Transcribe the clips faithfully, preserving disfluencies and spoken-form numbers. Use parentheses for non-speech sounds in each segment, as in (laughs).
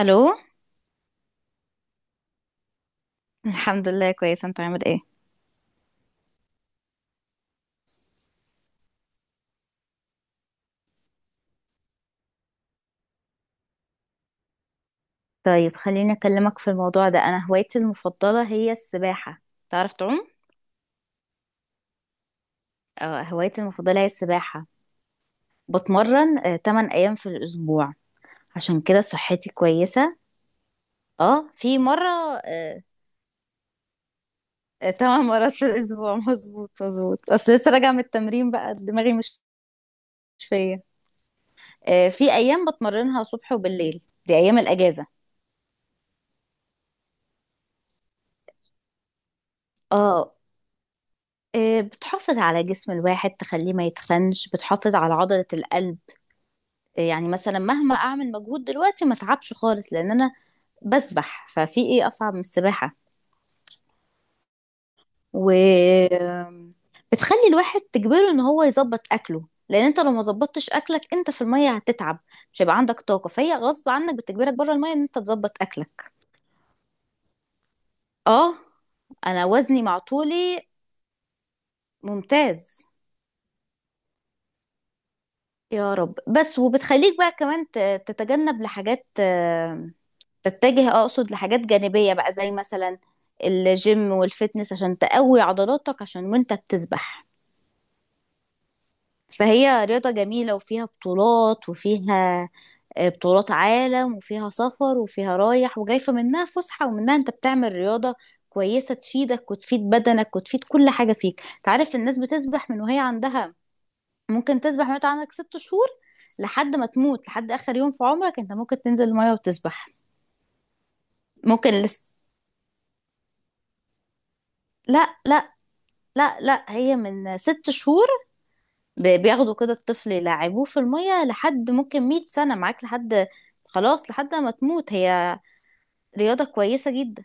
الو. الحمد لله كويسه، انت عامل ايه؟ طيب خليني أكلمك في الموضوع ده. أنا هوايتي المفضلة هي السباحة. تعرف تعوم؟ آه، هوايتي المفضلة هي السباحة. بتمرن آه، تمن أيام في الأسبوع، عشان كده صحتي كويسة. اه في مرة. آه، آه، تمن مرات في الأسبوع (laughs) مظبوط مظبوط، أصل لسه راجعة من التمرين بقى دماغي مش مش فيا. آه، في أيام بتمرنها صبح وبالليل، دي أيام الأجازة. اه، آه، بتحافظ على جسم الواحد تخليه ما يتخنش، بتحافظ على عضلة القلب. يعني مثلا مهما اعمل مجهود دلوقتي ما اتعبش خالص، لان انا بسبح، ففي ايه اصعب من السباحه؟ و بتخلي الواحد، تجبره ان هو يظبط اكله، لان انت لو ما ظبطتش اكلك انت في الميه هتتعب، مش هيبقى عندك طاقه. فهي غصب عنك بتجبرك بره الميه ان انت تظبط اكلك. اه، انا وزني مع طولي ممتاز. يا رب. بس وبتخليك بقى كمان ت- تتجنب لحاجات، تتجه آه، اقصد لحاجات جانبية بقى، زي مثلا الجيم والفتنس، عشان تقوي عضلاتك عشان وانت بتسبح. فهي رياضة جميلة وفيها بطولات وفيها آه، بطولات عالم، وفيها سفر وفيها رايح وجاي. فمنها فسحة ومنها انت بتعمل رياضة كويسة، تفيدك وتفيد بدنك وتفيد كل حاجة فيك. تعرف الناس بتسبح من وهي عندها، ممكن تسبح وانت عندك ست شهور لحد ما تموت، لحد آخر يوم في عمرك انت ممكن تنزل المية وتسبح. ممكن لس... لا لا. لا لا، هي من ست شهور، ب- بياخدوا كده الطفل يلعبوه في المية، لحد ممكن مية سنة معاك، لحد خلاص لحد ما تموت. هي رياضة كويسة جدا.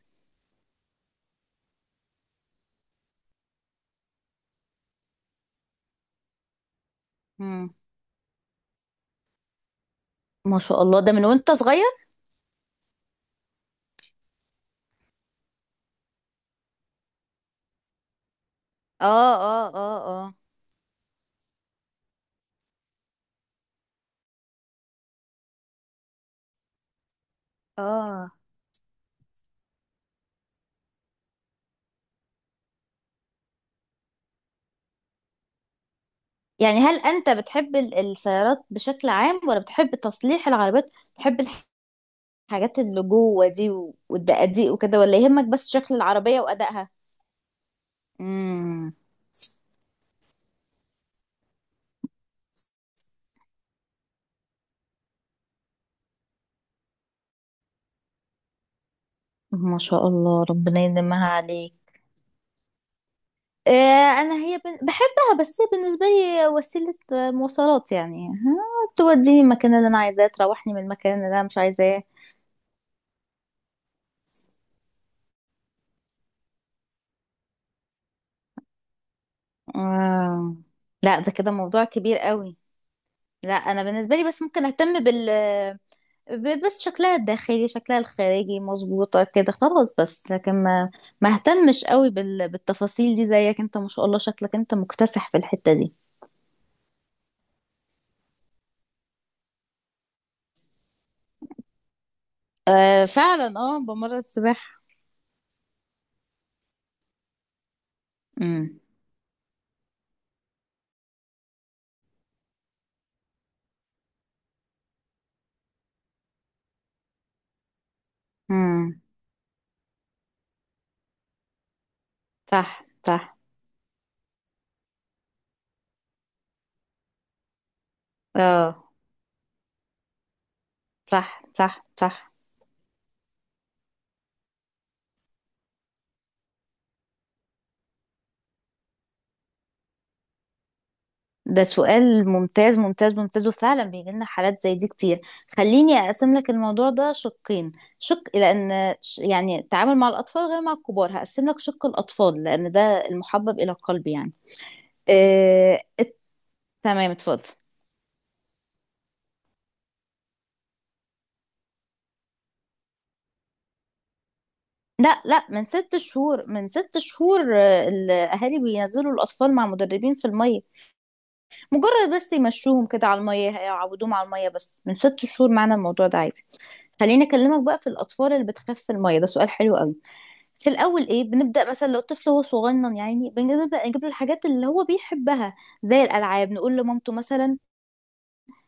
مم. ما شاء الله، ده من وانت صغير؟ اه اه اه، اه اه. يعني هل انت بتحب ال- السيارات بشكل عام، ولا بتحب تصليح العربيات، بتحب الحاجات اللي جوه دي و- والدقاديق وكده، ولا يهمك بس شكل العربية وأدائها؟ امم، ما شاء الله ربنا يديمها عليك. آه، انا هي بن- بحبها، بس هي بالنسبه لي وسيله آه، مواصلات يعني، آه، توديني المكان اللي انا عايزاه، تروحني من المكان اللي انا مش عايزاه. آه. لا ده كده موضوع كبير قوي. لا انا بالنسبه لي بس ممكن اهتم بال ب- بس شكلها الداخلي، شكلها الخارجي، مظبوطه كده خلاص. بس لكن ما ما اهتمش قوي بال... بالتفاصيل دي زيك. انت ما شاء الله شكلك انت مكتسح في الحته دي. آه فعلا، اه بمرة السباحة. امم. امم. صح صح. اه، صح صح صح. ده سؤال ممتاز ممتاز ممتاز، وفعلا بيجي لنا حالات زي دي كتير. خليني اقسم لك الموضوع ده شقين، شق، لان ش- يعني التعامل مع الاطفال غير مع الكبار، هقسم لك شق الاطفال لان ده المحبب الى القلب يعني. آه... ات- تمام اتفضل. لا لا، من ست شهور، من ست شهور آه، الاهالي بينزلوا الاطفال مع مدربين في الميه، مجرد بس يمشوهم كده على الميه، هيعودوهم على الميه. بس من ست شهور معنا الموضوع ده عادي. خليني اكلمك بقى في الاطفال اللي بتخاف في الميه، ده سؤال حلو قوي. في الاول ايه، بنبدا مثلا لو الطفل هو صغنن، يعني بنبدا نجيب له الحاجات اللي هو بيحبها زي الالعاب. نقول لمامته مثلا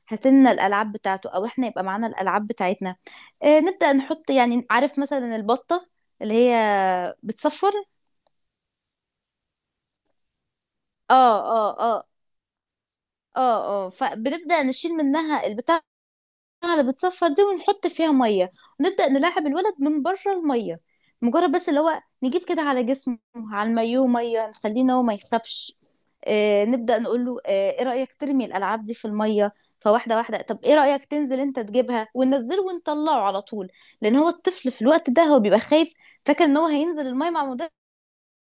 هات لنا الالعاب بتاعته، او احنا يبقى معانا الالعاب بتاعتنا. آه نبدا نحط، يعني عارف مثلا البطه اللي هي بتصفر. اه اه اه، اه اه. فبنبدا نشيل منها البتاع على بتصفى دي، ونحط فيها ميه، ونبدأ نلاعب الولد من بره الميه، مجرد بس اللي هو نجيب كده على جسمه على المايوه ميه، نخليه إن هو ما يخافش. آه نبدأ نقول له آه ايه رأيك ترمي الألعاب دي في الميه؟ فواحدة واحدة. طب ايه رأيك تنزل انت تجيبها؟ وننزله ونطلعه على طول، لأن هو الطفل في الوقت ده هو بيبقى خايف، فاكر ان هو هينزل الميه مع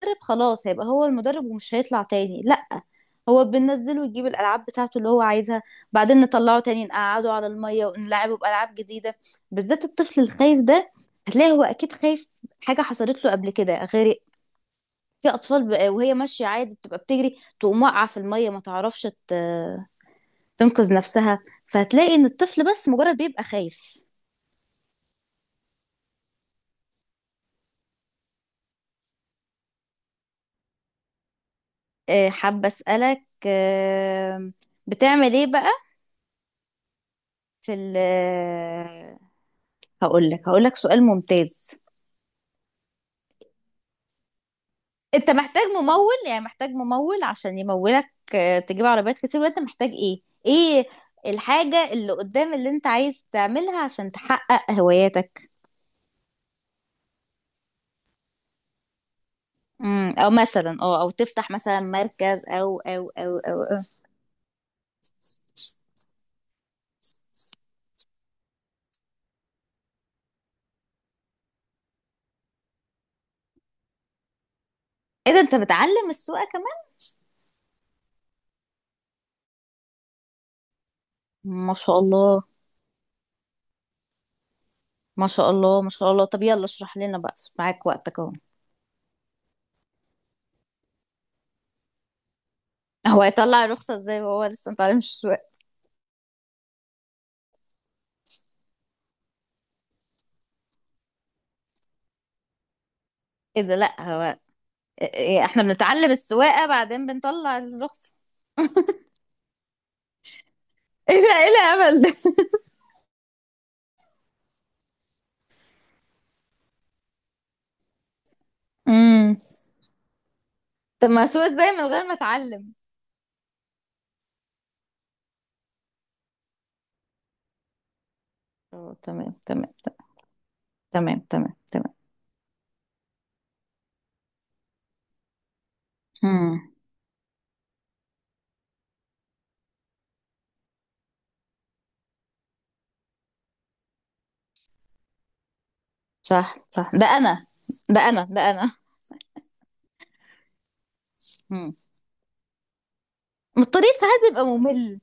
المدرب خلاص، هيبقى هو المدرب ومش هيطلع تاني. لأ، هو بننزله يجيب الألعاب بتاعته اللي هو عايزها، بعدين نطلعه تاني، نقعده على المية ونلعبه بألعاب جديدة. بالذات الطفل الخايف ده، هتلاقي هو أكيد خايف، حاجة حصلت له قبل كده. غير في أطفال بقى، وهي ماشية عادي بتبقى بتجري تقوم واقعة في المية، ما تعرفش ت- تنقذ نفسها. فهتلاقي إن الطفل بس مجرد بيبقى خايف. آه، حابة أسألك آه، بتعمل إيه بقى في ال هقول لك، هقول لك سؤال ممتاز. انت محتاج ممول، يعني محتاج ممول عشان يمولك آه، تجيب عربيات كتير، وانت محتاج ايه، ايه الحاجة اللي قدام اللي انت عايز تعملها عشان تحقق هواياتك؟ امم، او مثلا اه، او تفتح مثلا مركز او او او او, أو. ايه ده انت بتعلم السواقة كمان؟ ما شاء الله ما شاء الله ما شاء الله. طب يلا اشرح لنا بقى، معاك وقتك اهو. هو هيطلع الرخصة ازاي وهو لسه متعلمش السواقة؟ ايه ده، لا هو إيه- إيه، إيه، احنا بنتعلم السواقة بعدين بنطلع الرخصة. (laughs) ايه ده، ايه الهبل ده؟ (laughs) امم. طب ما اسوق ازاي من غير ما اتعلم؟ اه تمام تمام. تمام تمام تمام. امم. صح صح. ده انا ده انا ده انا. امم. ما الطريق ساعات بيبقى ممل.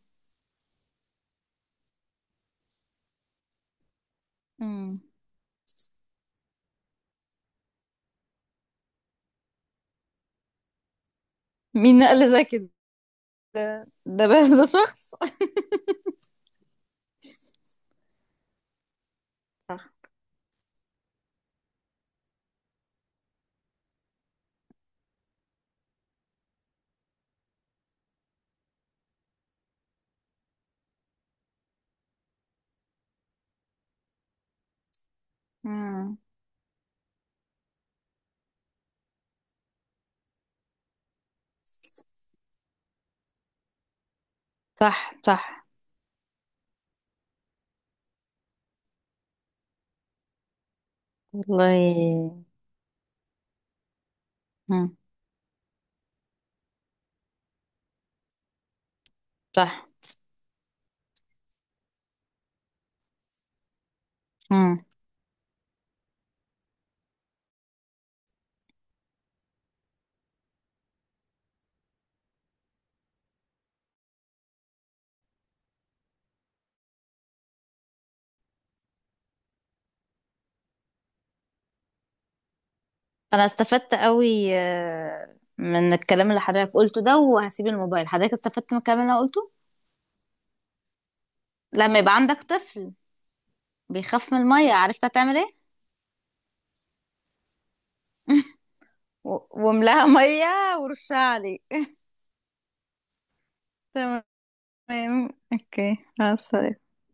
امم. مين قال زي كده؟ ده ده, بس ده شخص. صح. امم. صح صح. والله. امم. صح. امم. انا استفدت قوي آه، من الكلام اللي حضرتك قلته ده، وهسيب الموبايل. حضرتك استفدت من الكلام اللي انا قلته؟ لما يبقى عندك طفل بيخاف من المية، عرفت هتعمل ايه؟ (laughs) و- واملاها مية ورشها عليه. تمام. اوكي، مع السلامة.